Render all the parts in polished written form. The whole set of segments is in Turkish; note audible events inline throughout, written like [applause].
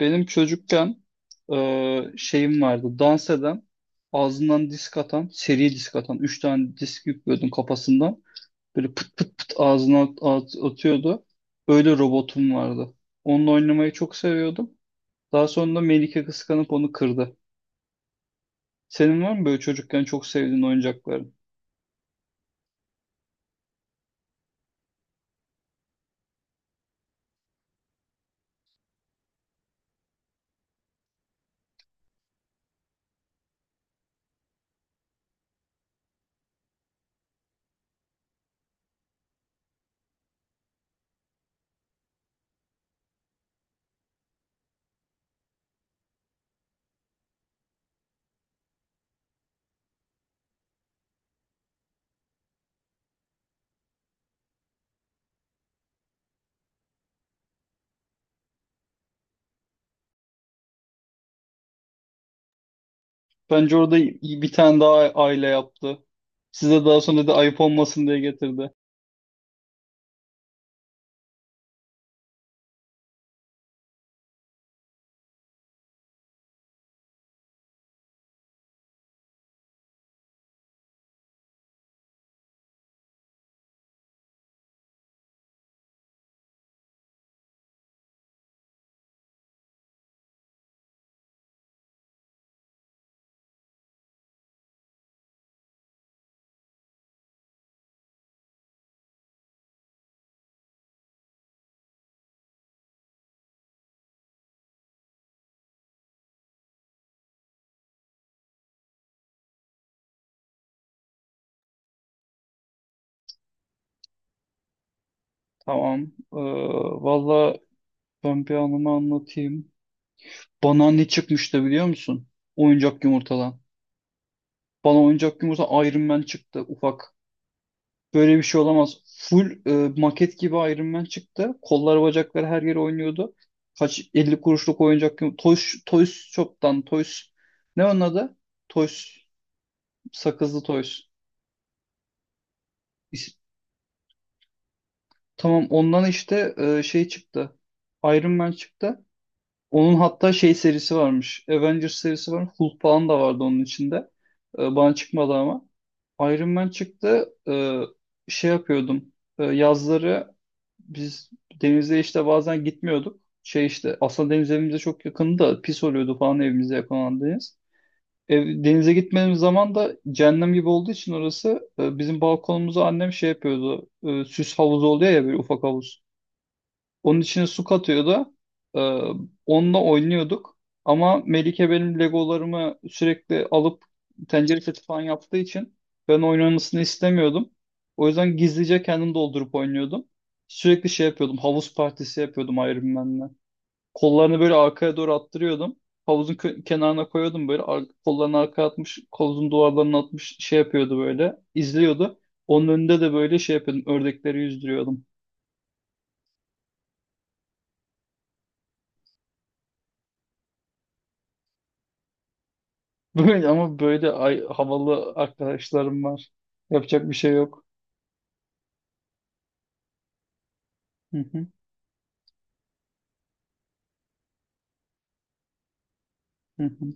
Benim çocukken şeyim vardı. Dans eden, ağzından disk atan, seri disk atan. Üç tane disk yüklüyordum kafasından. Böyle pıt pıt pıt ağzına atıyordu. Öyle robotum vardı. Onunla oynamayı çok seviyordum. Daha sonra da Melike kıskanıp onu kırdı. Senin var mı böyle çocukken çok sevdiğin oyuncakların? Bence orada iyi bir tane daha aile yaptı. Size daha sonra da ayıp olmasın diye getirdi. Tamam. Ee, Valla ben bir anımı anlatayım. Bana ne çıkmıştı biliyor musun? Oyuncak yumurtadan. Bana oyuncak yumurta Iron Man çıktı ufak. Böyle bir şey olamaz. Full maket gibi Iron Man çıktı. Kollar bacakları her yere oynuyordu. Kaç 50 kuruşluk oyuncak yumurta. Toys, Toys Shop'tan Toys. Ne onun adı? Toys. Sakızlı Toys. İs- Tamam ondan işte şey çıktı. Iron Man çıktı. Onun hatta şey serisi varmış. Avengers serisi var. Hulk falan da vardı onun içinde. Bana çıkmadı ama. Iron Man çıktı. Şey yapıyordum. Yazları biz denize işte bazen gitmiyorduk. Şey işte aslında deniz evimize çok yakındı da pis oluyordu falan evimize yakın olan deniz. Ev, denize gitmediğimiz zaman da cehennem gibi olduğu için orası bizim balkonumuzu annem şey yapıyordu. E, süs havuzu oluyor ya böyle ufak havuz. Onun içine su katıyordu. Ee, Onunla oynuyorduk. Ama Melike benim Legolarımı sürekli alıp tencere seti falan yaptığı için ben oynamasını istemiyordum. O yüzden gizlice kendim doldurup oynuyordum. Sürekli şey yapıyordum. Havuz partisi yapıyordum Iron Man'le. Kollarını böyle arkaya doğru attırıyordum. Havuzun kenarına koyuyordum böyle. Kollarını arkaya atmış, havuzun duvarlarına atmış şey yapıyordu böyle. İzliyordu. Onun önünde de böyle şey yapıyordum. Ördekleri yüzdürüyordum. [laughs] Böyle, ama böyle ay, havalı arkadaşlarım var. Yapacak bir şey yok. Hı hı, hı hı.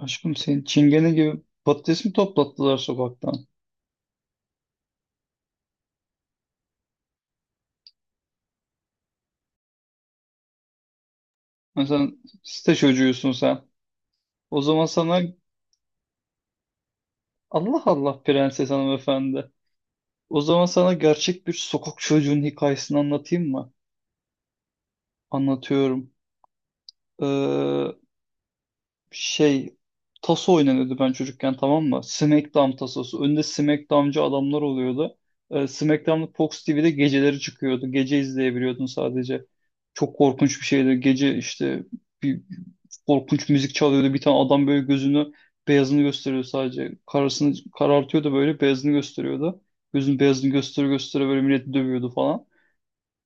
Aşkım senin çingene gibi patates mi toplattılar sokaktan? Ha, sen site çocuğusun sen. O zaman sana Allah Allah prenses hanımefendi. O zaman sana gerçek bir sokak çocuğunun hikayesini anlatayım mı? Anlatıyorum. Ee, şey taso oynanıyordu ben çocukken tamam mı? SmackDown tasosu. Önde SmackDown'cı adamlar oluyordu. SmackDown'da Fox TV'de geceleri çıkıyordu. Gece izleyebiliyordun sadece. Çok korkunç bir şeydi. Gece işte bir korkunç müzik çalıyordu. Bir tane adam böyle gözünü beyazını gösteriyordu sadece. Karasını karartıyordu böyle beyazını gösteriyordu. Gözün beyazını gösteri göstere böyle milleti dövüyordu falan,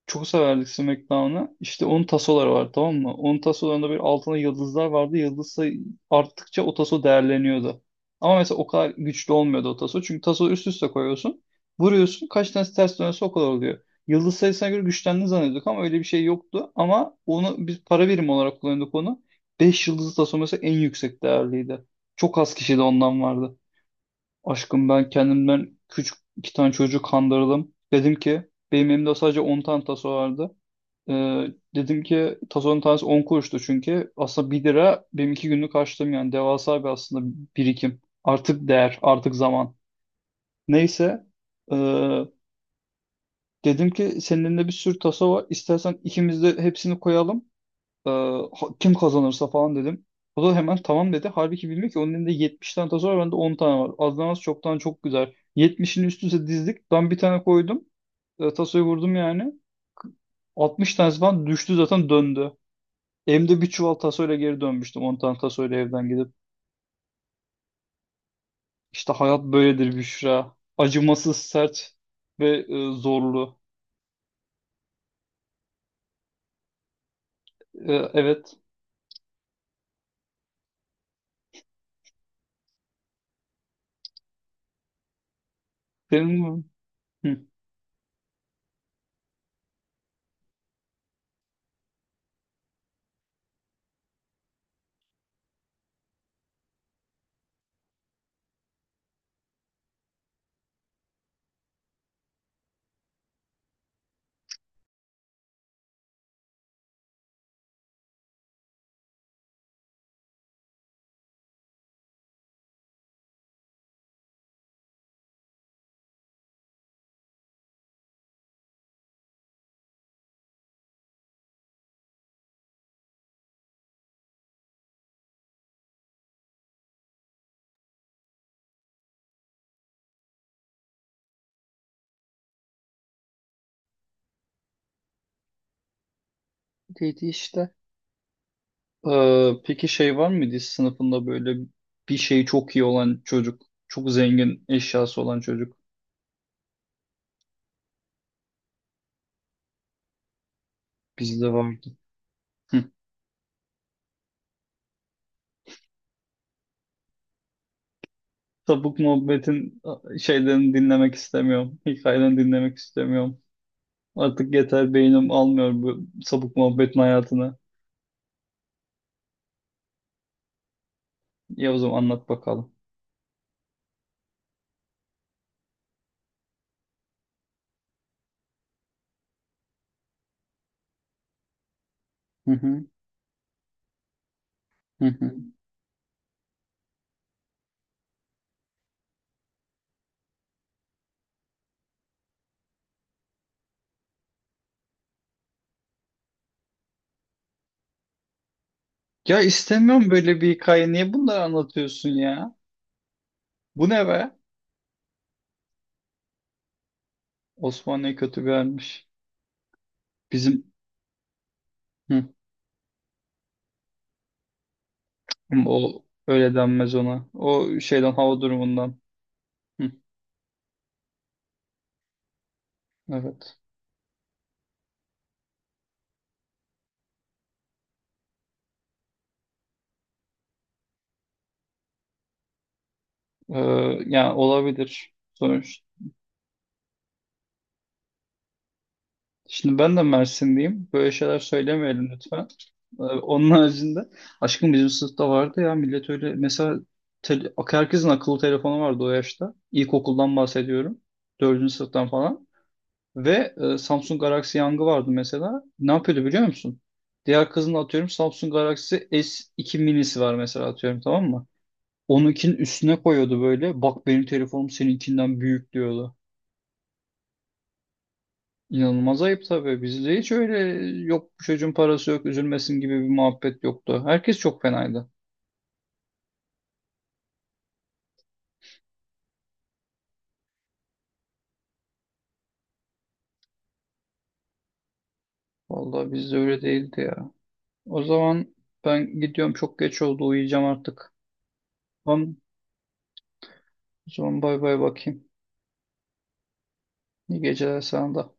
çok severdik SmackDown'ı. İşte onun tasoları var tamam mı? Onun tasolarında bir altına yıldızlar vardı. Yıldız sayı arttıkça o taso değerleniyordu. Ama mesela o kadar güçlü olmuyordu o taso. Çünkü taso üst üste koyuyorsun. Vuruyorsun. Kaç tanesi ters dönüyorsa o kadar oluyor. Yıldız sayısına göre güçlendiğini zannediyorduk ama öyle bir şey yoktu. Ama onu biz para birimi olarak kullanıyorduk onu. 5 yıldızlı taso mesela en yüksek değerliydi. Çok az kişi de ondan vardı. Aşkım ben kendimden küçük iki tane çocuğu kandırdım. Dedim ki benim elimde sadece 10 tane taso vardı. Ee, dedim ki tazonun tanesi 10 kuruştu çünkü. Aslında bir lira benim 2 günlük harçlığım yani. Devasa bir aslında birikim. Artık değer, artık zaman. Neyse. ee, dedim ki senin elinde bir sürü taso var. İstersen ikimiz de hepsini koyalım. Ee, kim kazanırsa falan dedim. O da hemen tamam dedi. Halbuki bilmiyor ki onun elinde 70 tane taso var. Bende 10 tane var. Azdan az çoktan çok güzel. 70'in üstüne dizdik. Ben bir tane koydum. Tasoyu vurdum yani. 60 tanesi falan düştü zaten döndü. Hem de bir çuval tasoyla geri dönmüştüm 10 tane tasoyla evden gidip. İşte hayat böyledir Büşra. Acımasız, sert ve zorlu. E, evet. Benim Hı, neydi işte. E, peki şey var mıydı hiç sınıfında böyle bir şey çok iyi olan çocuk? Çok zengin eşyası olan çocuk. Bizde vardı. Hı. Sapık muhabbetin şeylerini dinlemek istemiyorum. Hikayelerini dinlemek istemiyorum. Artık yeter beynim almıyor bu sapık muhabbetin hayatını. Ya o zaman anlat bakalım. Hı hı, hı hı. Ya istemiyorum böyle bir hikaye. Niye bunları anlatıyorsun ya? Bu ne be? Osmanlı'ya kötü gelmiş. Bizim hı, o öyle denmez ona. O şeyden hava durumundan. Hı, evet. Ee, yani olabilir sonuç. Şimdi ben de Mersinliyim. Böyle şeyler söylemeyelim lütfen. Onun haricinde aşkım bizim sınıfta vardı ya millet öyle mesela herkesin akıllı telefonu vardı o yaşta. İlkokuldan bahsediyorum. Dördüncü sınıftan falan. Ve Samsung Galaxy Young'ı vardı mesela. Ne yapıyordu biliyor musun? Diğer kızın atıyorum Samsung Galaxy S2 minisi var mesela atıyorum tamam mı? Onunkinin üstüne koyuyordu böyle. Bak benim telefonum seninkinden büyük diyordu. İnanılmaz ayıp tabii. Bizde hiç öyle yok bu çocuğun parası yok üzülmesin gibi bir muhabbet yoktu. Herkes çok fenaydı. Vallahi bizde öyle değildi ya. O zaman ben gidiyorum çok geç oldu uyuyacağım artık. Tamam. O zaman bay bay bakayım. İyi geceler sana da.